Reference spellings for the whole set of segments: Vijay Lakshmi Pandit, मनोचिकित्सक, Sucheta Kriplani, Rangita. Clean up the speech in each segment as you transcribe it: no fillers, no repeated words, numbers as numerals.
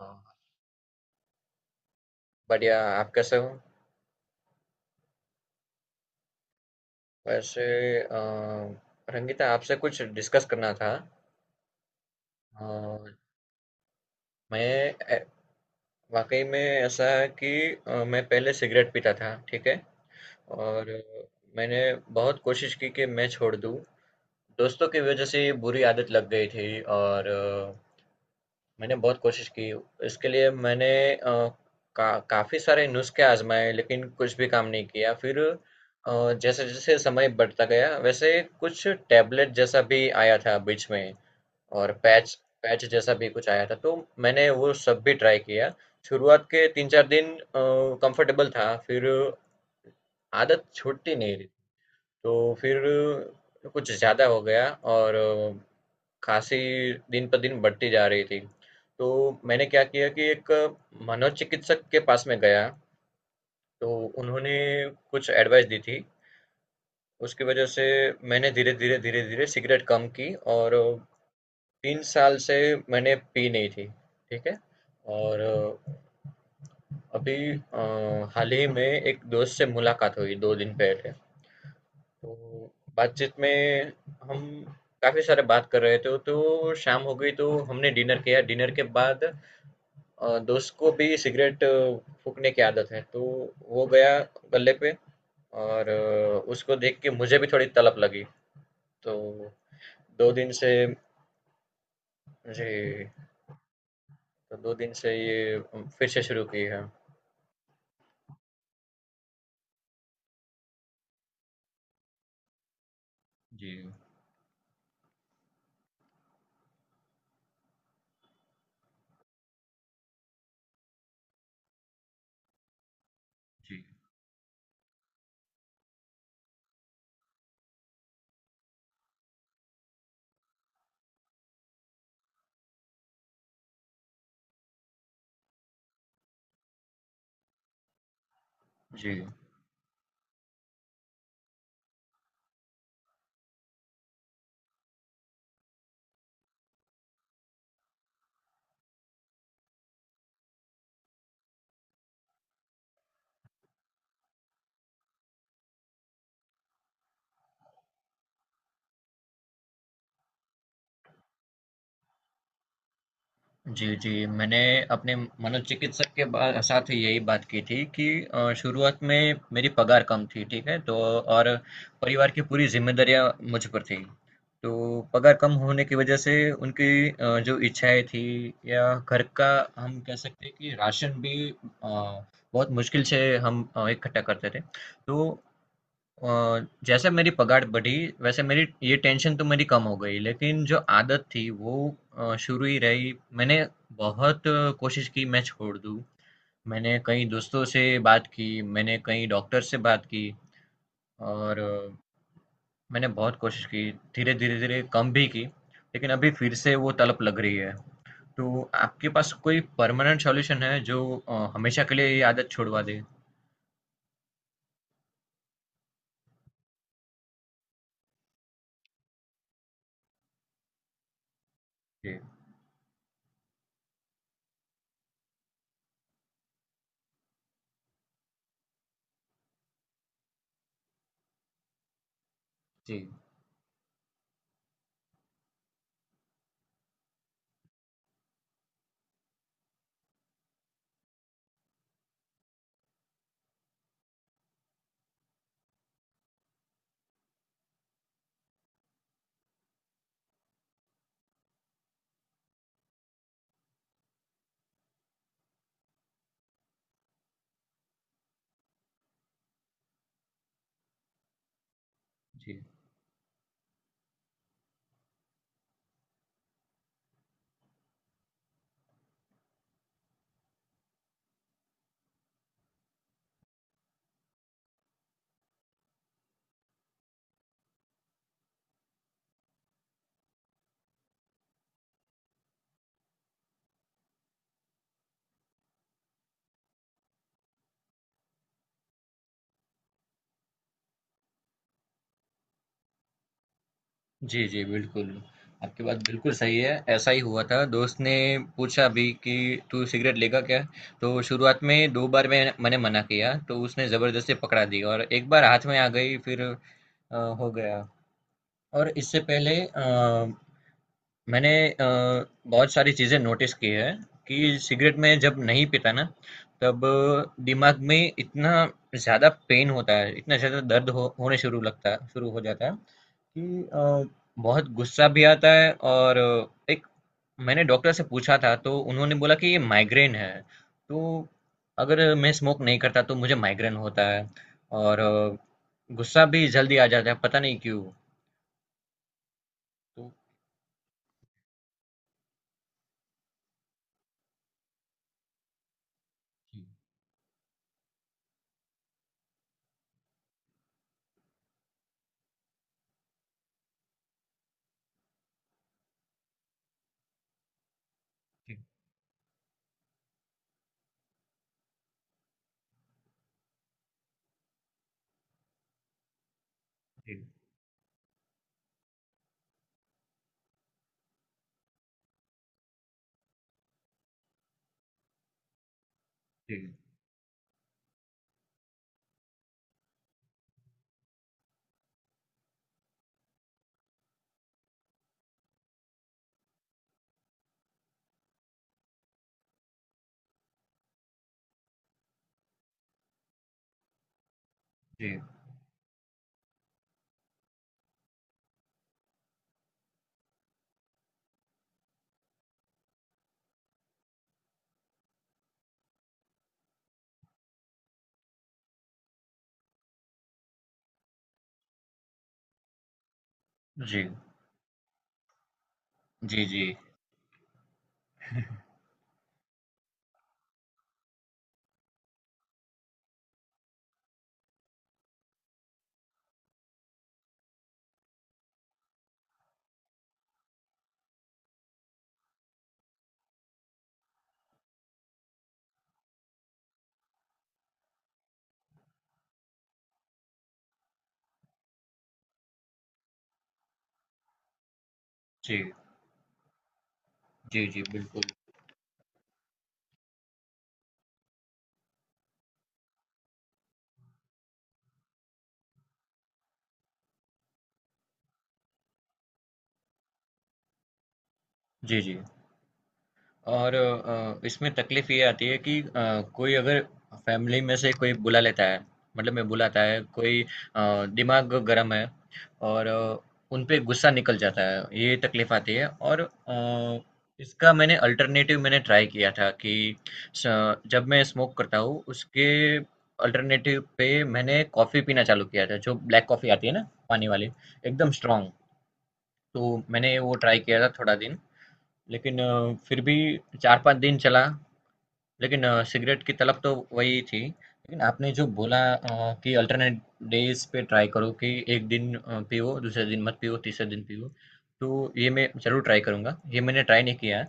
हाँ, बढ़िया। आप कैसे हो? वैसे, अ, रंगीता, आपसे कुछ डिस्कस करना था। अ, मैं ए- वाकई में ऐसा है कि मैं पहले सिगरेट पीता था, ठीक है। और मैंने बहुत कोशिश की कि मैं छोड़ दूँ। दोस्तों की वजह से ये बुरी आदत लग गई थी, और मैंने बहुत कोशिश की। इसके लिए मैंने अ, काफ़ी सारे नुस्खे आजमाए, लेकिन कुछ भी काम नहीं किया। फिर जैसे जैसे समय बढ़ता गया, वैसे कुछ टैबलेट जैसा भी आया था बीच में, और पैच पैच जैसा भी कुछ आया था, तो मैंने वो सब भी ट्राई किया। शुरुआत के 3-4 दिन कंफर्टेबल था, फिर आदत छूटती नहीं रही। तो फिर कुछ ज़्यादा हो गया, और अ, खासी दिन पर दिन बढ़ती जा रही थी। तो मैंने क्या किया कि एक मनोचिकित्सक के पास में गया, तो उन्होंने कुछ एडवाइस दी थी। उसकी वजह से मैंने धीरे-धीरे, धीरे-धीरे सिगरेट कम की, और 3 साल से मैंने पी नहीं थी, ठीक है? और अभी हाल ही में एक दोस्त से मुलाकात हुई 2 दिन पहले, तो बातचीत में हम काफ़ी सारे बात कर रहे थे, तो शाम हो गई, तो हमने डिनर किया। डिनर के बाद दोस्त को भी सिगरेट फूँकने की आदत है, तो वो गया गल्ले पे, और उसको देख के मुझे भी थोड़ी तलब लगी। तो 2 दिन से। जी। तो 2 दिन से ये फिर से शुरू की है। जी, जी, जी। जी, जी। मैंने अपने मनोचिकित्सक के बा साथ यही बात की थी कि शुरुआत में मेरी पगार कम थी, ठीक है? तो और परिवार की पूरी ज़िम्मेदारियाँ मुझ पर थी। तो पगार कम होने की वजह से उनकी जो इच्छाएँ थी या घर का, हम कह सकते हैं कि राशन भी बहुत मुश्किल से हम इकट्ठा करते थे। तो अ, जैसे मेरी पगार बढ़ी, वैसे मेरी ये टेंशन तो मेरी कम हो गई, लेकिन जो आदत थी वो शुरू ही रही। मैंने बहुत कोशिश की मैं छोड़ दूँ। मैंने कई दोस्तों से बात की, मैंने कई डॉक्टर से बात की, और मैंने बहुत कोशिश की, धीरे धीरे धीरे कम भी की, लेकिन अभी फिर से वो तलब लग रही है। तो आपके पास कोई परमानेंट सॉल्यूशन है जो हमेशा के लिए ये आदत छुड़वा दे? जी जी जी जी, जी, बिल्कुल। आपकी बात बिल्कुल सही है, ऐसा ही हुआ था। दोस्त ने पूछा भी कि तू सिगरेट लेगा क्या? तो शुरुआत में 2 बार मैंने मना किया, तो उसने ज़बरदस्ती पकड़ा दी और एक बार हाथ में आ गई, फिर हो गया। और इससे पहले मैंने बहुत सारी चीज़ें नोटिस की है कि सिगरेट में जब नहीं पीता ना, तब दिमाग में इतना ज़्यादा पेन होता है, इतना ज़्यादा दर्द हो होने शुरू लगता है, शुरू हो जाता है कि अ, बहुत गुस्सा भी आता है, और एक मैंने डॉक्टर से पूछा था, तो उन्होंने बोला कि ये माइग्रेन है। तो अगर मैं स्मोक नहीं करता तो मुझे माइग्रेन होता है, और गुस्सा भी जल्दी आ जाता है, पता नहीं क्यों। तो जी जी जी जी जी जी जी जी जी जी, बिल्कुल। जी जी। और इसमें तकलीफ ये आती है कि कोई अगर फैमिली में से कोई बुला लेता है, मतलब मैं बुलाता है कोई, दिमाग गर्म है, और उन पे गुस्सा निकल जाता है, ये तकलीफ आती है। और इसका मैंने अल्टरनेटिव मैंने ट्राई किया था कि जब मैं स्मोक करता हूँ उसके अल्टरनेटिव पे मैंने कॉफ़ी पीना चालू किया था, जो ब्लैक कॉफ़ी आती है ना, पानी वाली, एकदम स्ट्रांग। तो मैंने वो ट्राई किया था थोड़ा दिन, लेकिन फिर भी 4-5 दिन चला, लेकिन सिगरेट की तलब तो वही थी। लेकिन आपने जो बोला कि अल्टरनेट डेज पे ट्राई करो कि एक दिन पियो, दूसरे दिन मत पियो, तीसरे दिन पियो, तो ये मैं जरूर ट्राई करूंगा। ये मैंने ट्राई नहीं किया है।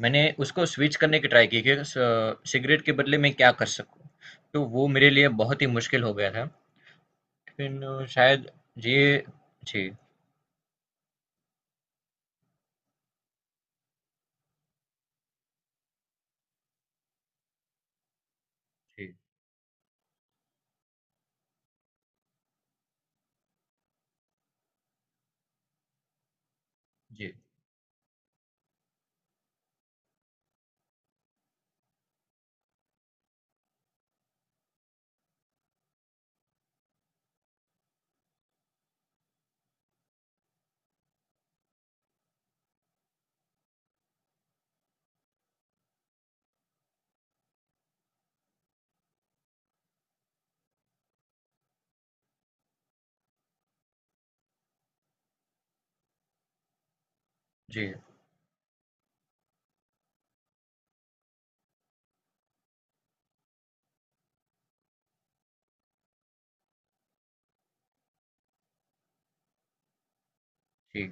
मैंने उसको स्विच करने की ट्राई की कि सिगरेट के बदले मैं क्या कर सकूं, तो वो मेरे लिए बहुत ही मुश्किल हो गया था, लेकिन शायद ये। जी जी जी जी जी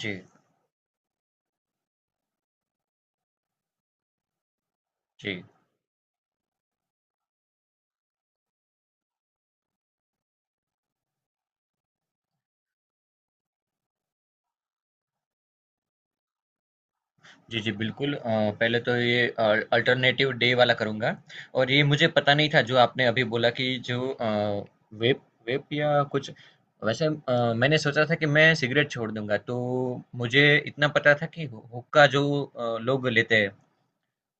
जी जी जी, जी, बिल्कुल। पहले तो ये अल्टरनेटिव डे वाला करूँगा। और ये मुझे पता नहीं था जो आपने अभी बोला, कि जो वेप वेप या कुछ। वैसे मैंने सोचा था कि मैं सिगरेट छोड़ दूँगा, तो मुझे इतना पता था कि हुक्का जो लोग लेते हैं,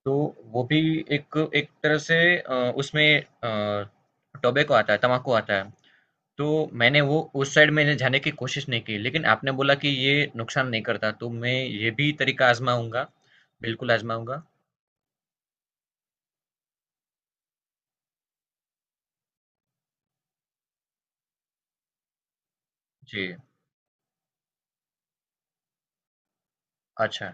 तो वो भी एक एक तरह से, उसमें टोबैको आता है, तम्बाकू आता है। तो मैंने वो उस साइड मैंने जाने की कोशिश नहीं की, लेकिन आपने बोला कि ये नुकसान नहीं करता, तो मैं ये भी तरीका आजमाऊंगा। बिल्कुल आजमाऊंगा। जी। अच्छा।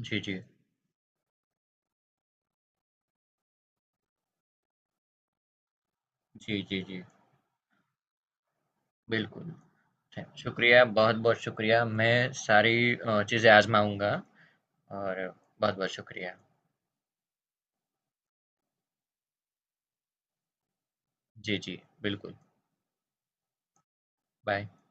जी जी जी जी जी, बिल्कुल। शुक्रिया, बहुत बहुत शुक्रिया, मैं सारी चीज़ें आजमाऊंगा। और बहुत बहुत शुक्रिया। जी जी, बिल्कुल। बाय।